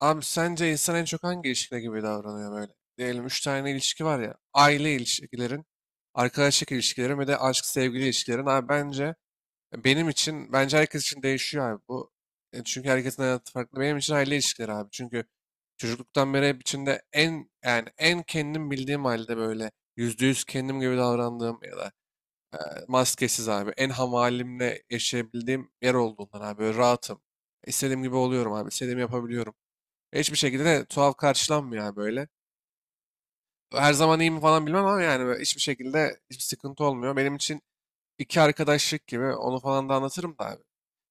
Abi sence insan en çok hangi ilişkide gibi davranıyor böyle? Diyelim üç tane ilişki var ya. Aile ilişkilerin, arkadaşlık ilişkilerin ve de aşk sevgili ilişkilerin. Abi bence benim için, bence herkes için değişiyor abi bu. Çünkü herkesin hayatı farklı. Benim için aile ilişkileri abi. Çünkü çocukluktan beri hep içinde en kendim bildiğim halde böyle %100 kendim gibi davrandığım ya da e, maskesiz abi. En hamalimle yaşayabildiğim yer olduğundan abi. Böyle rahatım. İstediğim gibi oluyorum abi. İstediğimi yapabiliyorum. Hiçbir şekilde de tuhaf karşılanmıyor yani böyle. Her zaman iyi mi falan bilmem ama yani böyle hiçbir şekilde hiçbir sıkıntı olmuyor. Benim için iki arkadaşlık gibi onu falan da anlatırım da abi.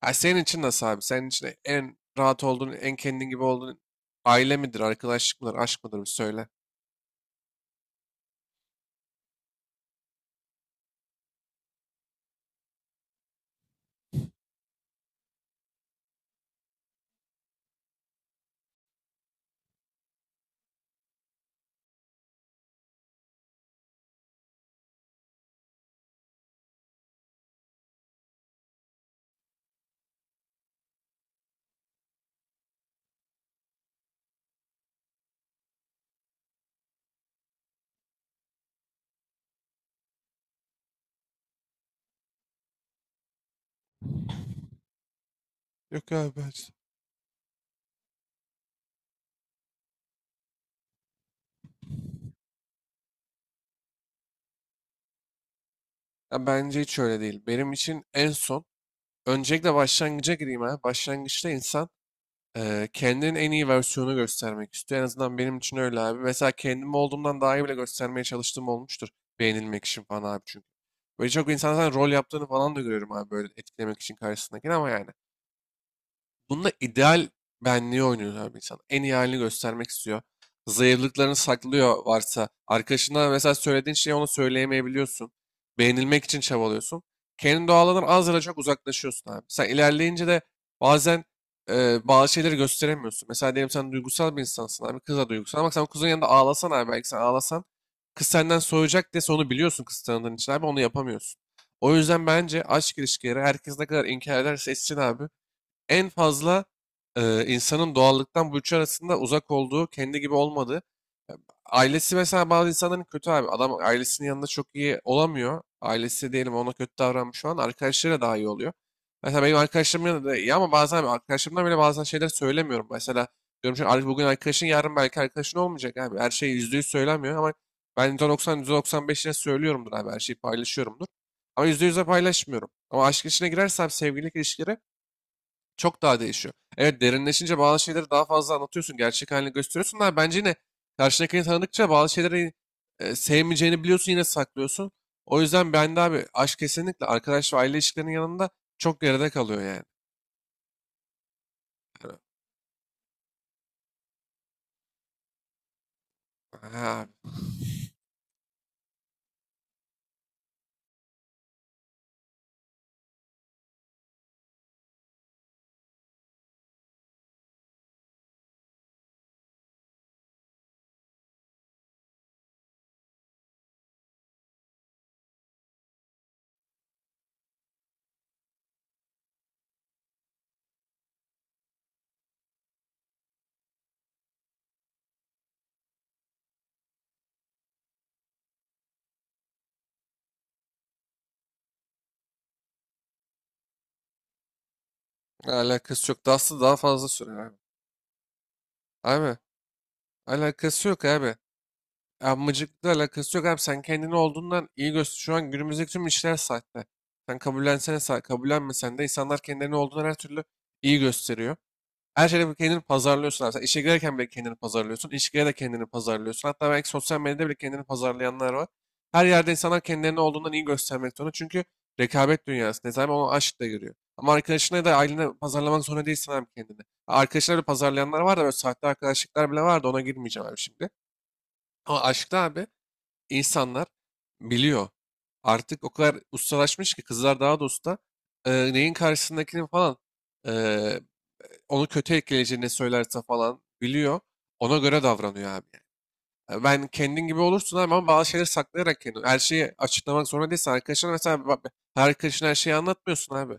Ha, senin için nasıl abi? Senin için en rahat olduğun, en kendin gibi olduğun aile midir, arkadaşlık mıdır, aşk mıdır bir söyle. Yok abi ben. Ya bence hiç öyle değil. Benim için en son, öncelikle başlangıca gireyim ha. Başlangıçta insan, kendinin en iyi versiyonu göstermek istiyor. En azından benim için öyle abi. Mesela kendim olduğumdan daha iyi bile göstermeye çalıştığım olmuştur. Beğenilmek için falan abi çünkü. Böyle çok insan zaten rol yaptığını falan da görüyorum abi böyle etkilemek için karşısındakini ama yani. Bunda ideal benliği oynuyor abi insan. En iyi halini göstermek istiyor. Zayıflıklarını saklıyor varsa. Arkadaşına mesela söylediğin şeyi ona söyleyemeyebiliyorsun. Beğenilmek için çabalıyorsun. Kendi doğalından az ya da çok uzaklaşıyorsun abi. Sen ilerleyince de bazen bazı şeyleri gösteremiyorsun. Mesela diyelim sen duygusal bir insansın abi. Kız da duygusal. Ama sen kızın yanında ağlasan abi, belki sen ağlasan kız senden soğuyacak diye onu biliyorsun kız tanıdığın için abi. Onu yapamıyorsun. O yüzden bence aşk ilişkileri herkes ne kadar inkar ederse etsin abi en fazla insanın doğallıktan bu üçü arasında uzak olduğu, kendi gibi olmadığı. Ailesi mesela bazı insanların kötü abi. Adam ailesinin yanında çok iyi olamıyor. Ailesi diyelim ona kötü davranmış şu an. Arkadaşlarıyla daha iyi oluyor. Mesela benim arkadaşlarımın yanında da iyi ama bazen arkadaşlarımdan bile bazen şeyler söylemiyorum. Mesela diyorum ki bugün arkadaşın yarın belki arkadaşın olmayacak abi. Her şey %100 söylemiyor ama ben %90, %95'ine söylüyorumdur abi. Her şeyi paylaşıyorumdur. Ama %100'e paylaşmıyorum. Ama aşk içine girersem sevgililik ilişkileri çok daha değişiyor. Evet derinleşince bazı şeyleri daha fazla anlatıyorsun. Gerçek halini gösteriyorsun da bence yine karşındakini tanıdıkça bazı şeyleri sevmeyeceğini biliyorsun yine saklıyorsun. O yüzden ben de abi aşk kesinlikle arkadaş ve aile ilişkilerinin yanında çok geride kalıyor yani. Yani, ha, alakası yok. Dust'ı daha fazla sürer abi. Abi alakası yok abi. Amıcıkla alakası yok abi. Sen kendini olduğundan iyi göster. Şu an günümüzdeki tüm işler sahte. Sen kabullensene sahte. Kabullenmesen de insanlar kendilerini olduğundan her türlü iyi gösteriyor. Her şeyde kendini pazarlıyorsun abi. Sen işe girerken bile kendini pazarlıyorsun. İş girer de kendini pazarlıyorsun. Hatta belki sosyal medyada bile kendini pazarlayanlar var. Her yerde insanlar kendilerini olduğundan iyi göstermek zorunda. Çünkü rekabet dünyası. Ne zaman ona aşk da giriyor. Ama arkadaşına da ailene pazarlamak zorunda değilsin abi kendini. Arkadaşlar da pazarlayanlar var da böyle sahte arkadaşlıklar bile var da ona girmeyeceğim abi şimdi. Ama aşkta abi insanlar biliyor. Artık o kadar ustalaşmış ki kızlar daha da usta. Neyin karşısındakini falan. e, onu kötü etkileyeceğini söylerse falan biliyor. Ona göre davranıyor abi yani. Ben kendin gibi olursun abi ama bazı şeyleri saklayarak kendin. Her şeyi açıklamak zorunda değilsin. Arkadaşına mesela bak, her arkadaşına her şeyi anlatmıyorsun abi.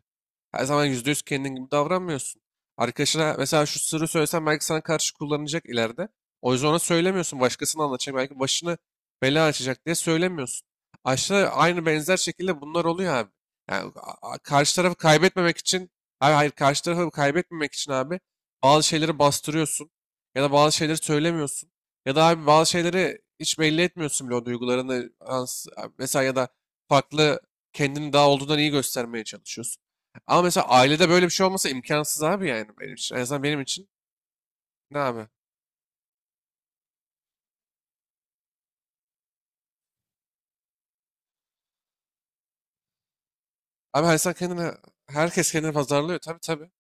Her zaman %100 kendin gibi davranmıyorsun. Arkadaşına mesela şu sırrı söylesen belki sana karşı kullanacak ileride. O yüzden ona söylemiyorsun. Başkasına anlatacak. Belki başını bela açacak diye söylemiyorsun. Aşağı aynı benzer şekilde bunlar oluyor abi. Yani karşı tarafı kaybetmemek için, hayır, hayır karşı tarafı kaybetmemek için abi bazı şeyleri bastırıyorsun ya da bazı şeyleri söylemiyorsun. Ya da abi bazı şeyleri hiç belli etmiyorsun bile o duygularını. Mesela ya da farklı kendini daha olduğundan iyi göstermeye çalışıyorsun. Ama mesela ailede böyle bir şey olmasa imkansız abi yani benim için. En azından benim için. Ne abi? Abi her insan kendini, herkes kendini pazarlıyor. Tabii tabii.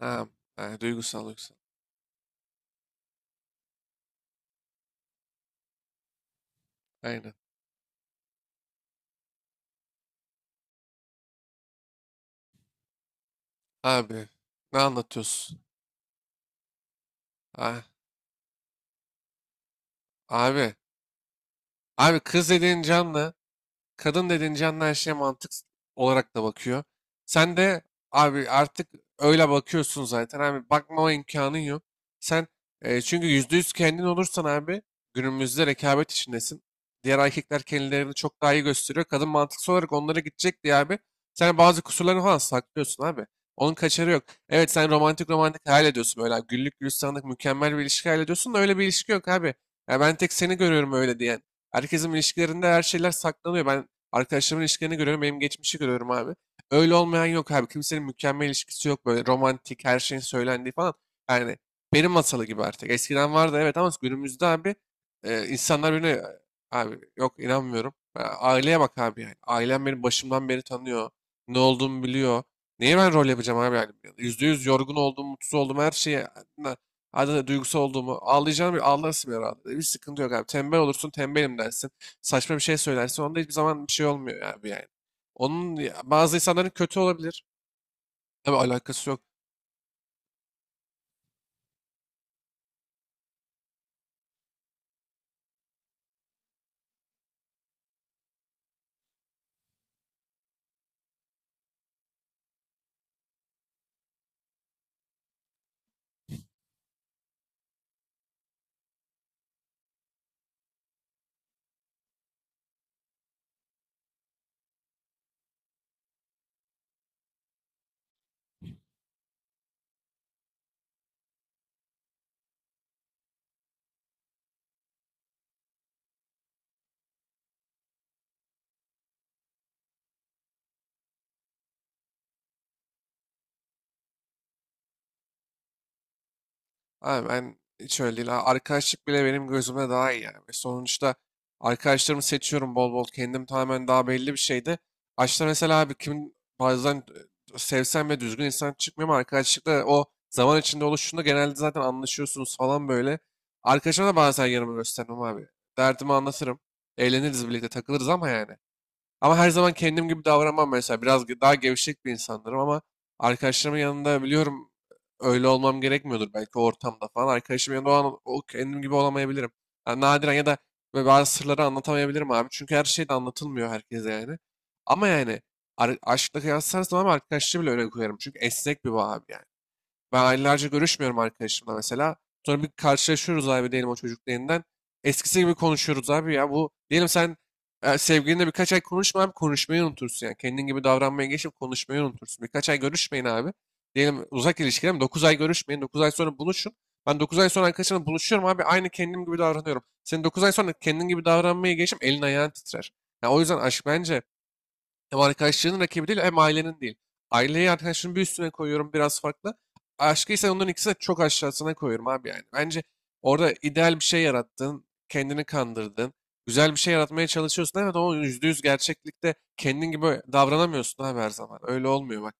Ha, ha, duygusal duygusal. Aynen. Abi ne anlatıyorsun? Ha, abi. Abi kız dediğin canlı. Kadın dediğince canlı her şeye mantık olarak da bakıyor. Sen de abi artık öyle bakıyorsun zaten abi bakmama imkanın yok. Sen çünkü %100 kendin olursan abi günümüzde rekabet içindesin. Diğer erkekler kendilerini çok daha iyi gösteriyor. Kadın mantıksal olarak onlara gidecek diye abi. Sen bazı kusurlarını falan saklıyorsun abi. Onun kaçarı yok. Evet sen romantik romantik hayal ediyorsun böyle abi. Güllük gülistanlık mükemmel bir ilişki hayal ediyorsun da öyle bir ilişki yok abi. Ya ben tek seni görüyorum öyle diyen. Herkesin ilişkilerinde her şeyler saklanıyor. Ben arkadaşlarımın ilişkilerini görüyorum. Benim geçmişi görüyorum abi. Öyle olmayan yok abi. Kimsenin mükemmel ilişkisi yok. Böyle romantik her şeyin söylendiği falan. Yani benim masalı gibi artık. Eskiden vardı evet ama günümüzde abi insanlar birbirine. Abi yok inanmıyorum. Ya aileye bak abi yani. Ailem beni başımdan beri tanıyor. Ne olduğumu biliyor. Neye ben rol yapacağım abi yani? Yüzde yüz yorgun olduğum, mutsuz olduğum her şeyi, hadi duygusal olduğumu ağlayacağım bir ağlarsın herhalde. Bir sıkıntı yok abi. Tembel olursun tembelim dersin, saçma bir şey söylersin. Onda hiçbir zaman bir şey olmuyor abi yani. Onun ya- bazı insanların kötü olabilir. Tabii alakası yok. Abi ben hiç öyle değil. Ha, arkadaşlık bile benim gözümde daha iyi yani. Sonuçta arkadaşlarımı seçiyorum bol bol. Kendim tamamen daha belli bir şeydi. Açta mesela abi kim bazen sevsem ve düzgün insan çıkmıyor ama arkadaşlıkta o zaman içinde oluştuğunda genelde zaten anlaşıyorsunuz falan böyle. Arkadaşıma da bazen yanımı göstermem abi. Derdimi anlatırım. Eğleniriz birlikte takılırız ama yani. Ama her zaman kendim gibi davranmam mesela. Biraz daha gevşek bir insanlarım ama arkadaşlarımın yanında biliyorum öyle olmam gerekmiyordur belki o ortamda falan. Arkadaşımın yanında o an o kendim gibi olamayabilirim. Yani nadiren ya da böyle bazı sırları anlatamayabilirim abi. Çünkü her şey de anlatılmıyor herkese yani. Ama yani aşkla kıyaslarsan ama arkadaşlığı bile öyle koyarım. Çünkü esnek bir bağ abi yani. Ben aylarca görüşmüyorum arkadaşımla mesela. Sonra bir karşılaşıyoruz abi diyelim o çocukla yeniden. Eskisi gibi konuşuyoruz abi ya. Bu diyelim sen sevgilinle birkaç ay konuşma abi konuşmayı unutursun yani. Kendin gibi davranmaya geçip konuşmayı unutursun. Birkaç ay görüşmeyin abi. Diyelim uzak ilişkiler mi? 9 ay görüşmeyin. 9 ay sonra buluşun. Ben 9 ay sonra arkadaşımla buluşuyorum abi. Aynı kendim gibi davranıyorum. Senin 9 ay sonra kendin gibi davranmaya geçip elin ayağın titrer. Ya o yüzden aşk bence hem arkadaşlarının rakibi değil hem ailenin değil. Aileyi arkadaşının bir üstüne koyuyorum biraz farklı. Aşkı ise onların ikisini de çok aşağısına koyuyorum abi yani. Bence orada ideal bir şey yarattın, kendini kandırdın, güzel bir şey yaratmaya çalışıyorsun. Evet ama yüzde yüz gerçeklikte kendin gibi davranamıyorsun abi her zaman. Öyle olmuyor bak.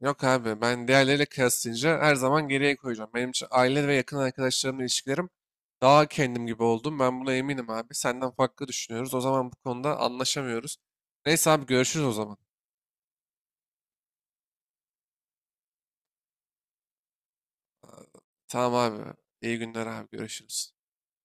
Yok abi ben diğerleriyle kıyaslayınca her zaman geriye koyacağım. Benim için aile ve yakın arkadaşlarımla ilişkilerim daha kendim gibi oldum. Ben buna eminim abi. Senden farklı düşünüyoruz. O zaman bu konuda anlaşamıyoruz. Neyse abi görüşürüz o zaman. Tamam abi. İyi günler abi. Görüşürüz.